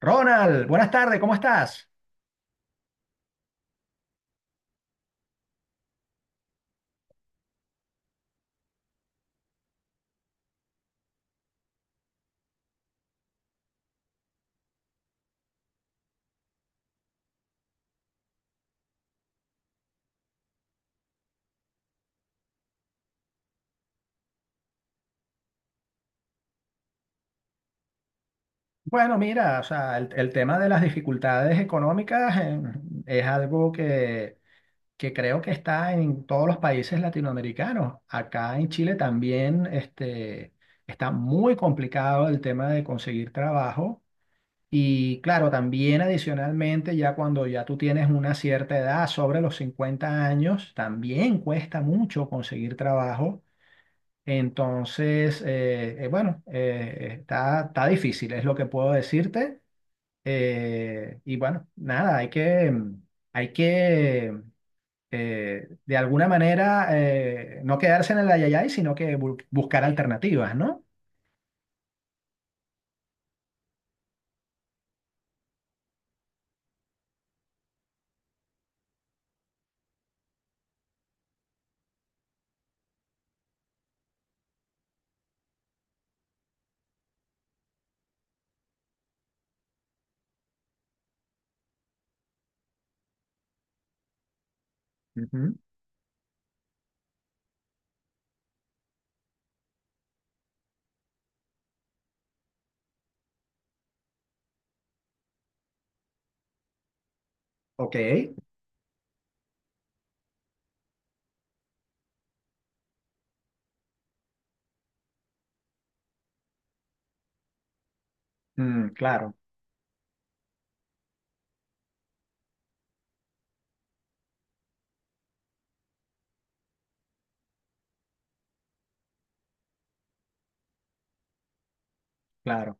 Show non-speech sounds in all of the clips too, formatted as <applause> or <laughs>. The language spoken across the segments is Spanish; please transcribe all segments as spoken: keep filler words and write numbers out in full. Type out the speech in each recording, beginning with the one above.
Ronald, buenas tardes, ¿cómo estás? Bueno, mira, o sea, el, el tema de las dificultades económicas, eh, es algo que, que creo que está en todos los países latinoamericanos. Acá en Chile también, este, está muy complicado el tema de conseguir trabajo. Y claro, también adicionalmente, ya cuando ya tú tienes una cierta edad, sobre los cincuenta años, también cuesta mucho conseguir trabajo. Entonces, eh, eh, bueno, eh, está, está difícil, es lo que puedo decirte. Eh, y bueno, nada, hay que, mm, hay que eh, de alguna manera, eh, no quedarse en el ayayay, sino que bu- buscar alternativas, ¿no? Ujú. Ok. Mm, claro, claro.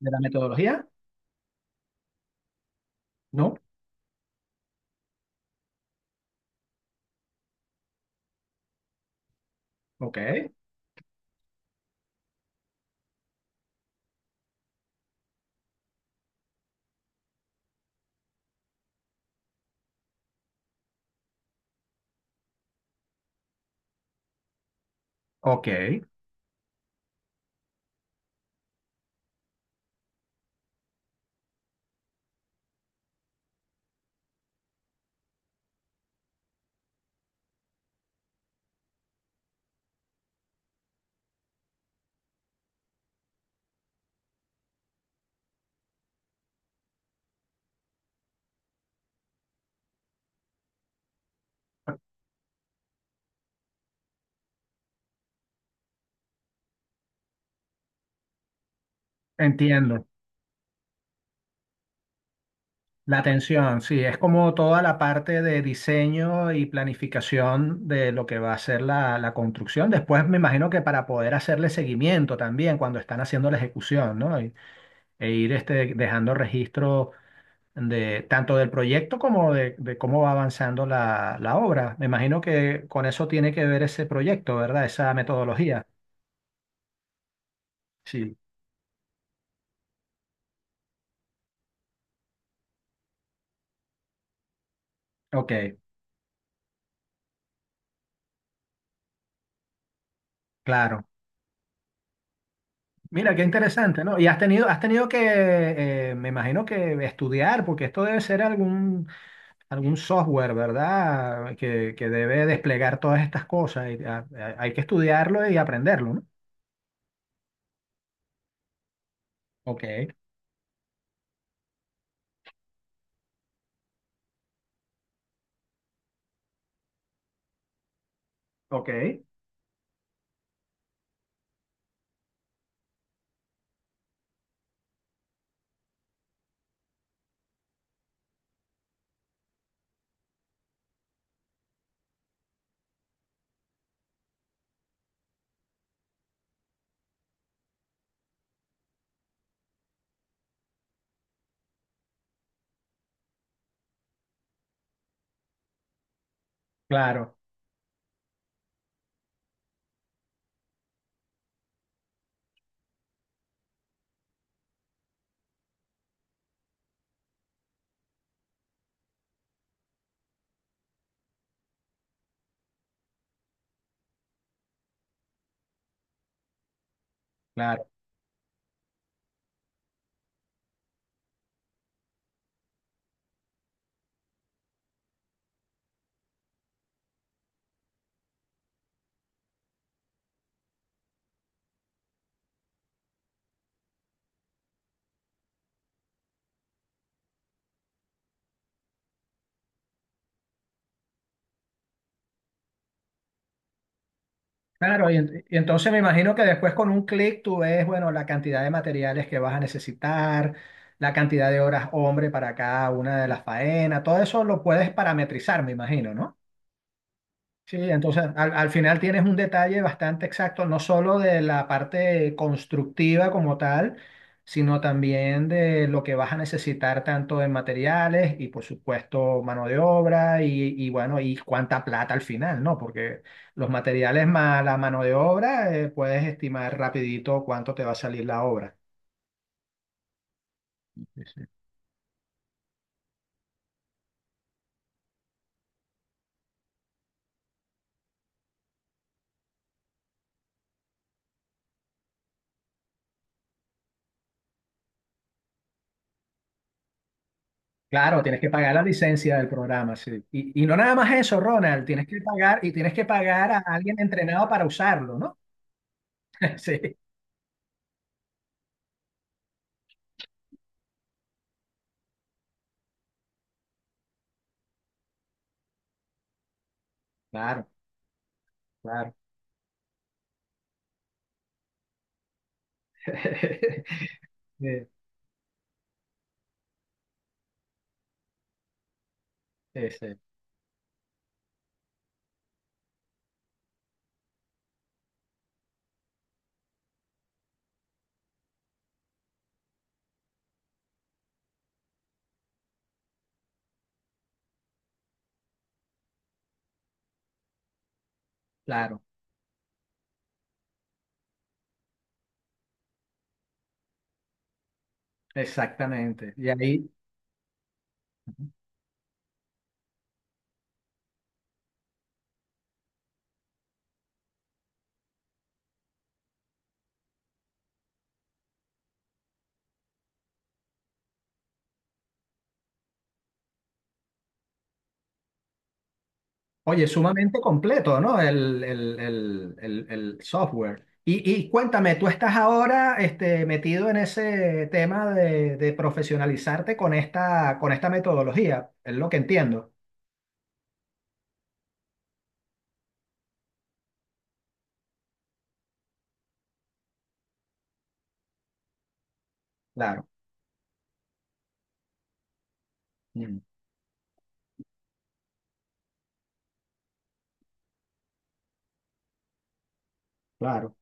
¿De la metodología? No, ok, ok, entiendo. La atención, sí, es como toda la parte de diseño y planificación de lo que va a ser la, la construcción. Después me imagino que para poder hacerle seguimiento también cuando están haciendo la ejecución, ¿no? Y E, ir, este, dejando registro de tanto del proyecto como de, de cómo va avanzando la, la obra. Me imagino que con eso tiene que ver ese proyecto, ¿verdad? Esa metodología. Sí. Ok, claro. Mira, qué interesante, ¿no? Y has tenido, has tenido que, eh, me imagino que estudiar, porque esto debe ser algún, algún software, ¿verdad? Que, que debe desplegar todas estas cosas. Y, ah, ah, hay que estudiarlo y aprenderlo, ¿no? Ok, ok. Claro, claro. Claro, y, en- y entonces me imagino que después con un clic tú ves, bueno, la cantidad de materiales que vas a necesitar, la cantidad de horas hombre para cada una de las faenas, todo eso lo puedes parametrizar, me imagino, ¿no? Sí, entonces al, al final tienes un detalle bastante exacto, no solo de la parte constructiva como tal, sino también de lo que vas a necesitar tanto en materiales y por supuesto mano de obra y, y bueno, y cuánta plata al final, ¿no? Porque los materiales más la mano de obra, eh, puedes estimar rapidito cuánto te va a salir la obra. Sí, sí. Claro, tienes que pagar la licencia del programa, sí. Y, y no nada más eso, Ronald, tienes que pagar y tienes que pagar a alguien entrenado para usarlo, ¿no? <laughs> Sí, claro, claro. <laughs> Eh, ese, claro, exactamente. Y ahí, oye, sumamente completo, ¿no? El, el, el, el, el software. Y, y cuéntame, tú estás ahora, este, metido en ese tema de, de profesionalizarte con esta, con esta metodología, es lo que entiendo. Claro, mm, claro.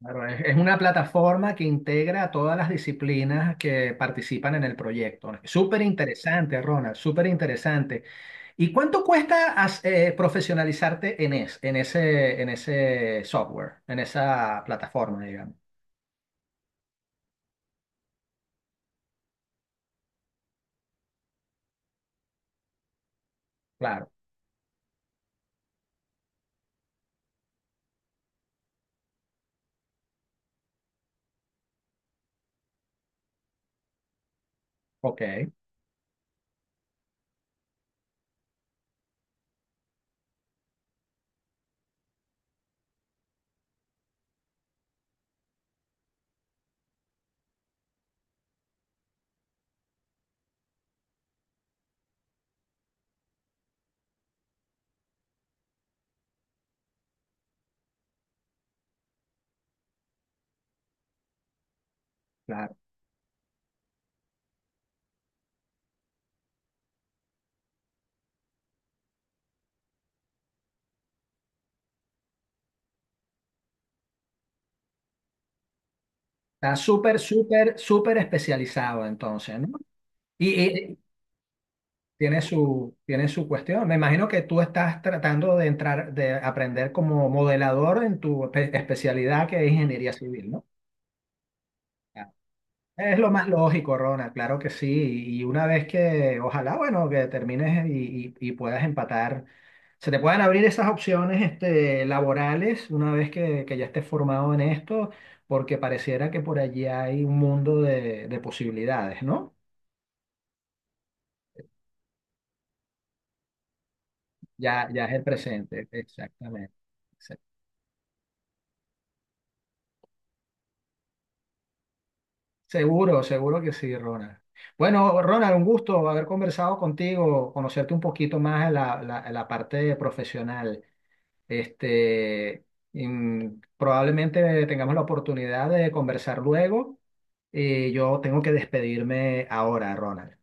Claro, es, es una plataforma que integra a todas las disciplinas que participan en el proyecto. Súper interesante, Ronald, súper interesante. ¿Y cuánto cuesta as- eh, profesionalizarte en, es, en ese, en ese software, en esa plataforma, digamos? Claro, ok, claro. Está súper, súper, súper especializado entonces, ¿no? Y tiene su, tiene su cuestión. Me imagino que tú estás tratando de entrar, de aprender como modelador en tu espe- especialidad, que es ingeniería civil, ¿no? Claro. Es lo más lógico, Rona, claro que sí. Y una vez que, ojalá, bueno, que termines y, y- y puedas empatar, se te puedan abrir esas opciones, este, laborales, una vez que, que ya estés formado en esto, porque pareciera que por allí hay un mundo de, de posibilidades, ¿no? Ya, ya es el presente, exactamente. Sí. Seguro, seguro que sí, Ronald. Bueno, Ronald, un gusto haber conversado contigo, conocerte un poquito más en la, la, en la parte profesional. Este, mm, Probablemente tengamos la oportunidad de conversar luego. Y yo tengo que despedirme ahora, Ronald.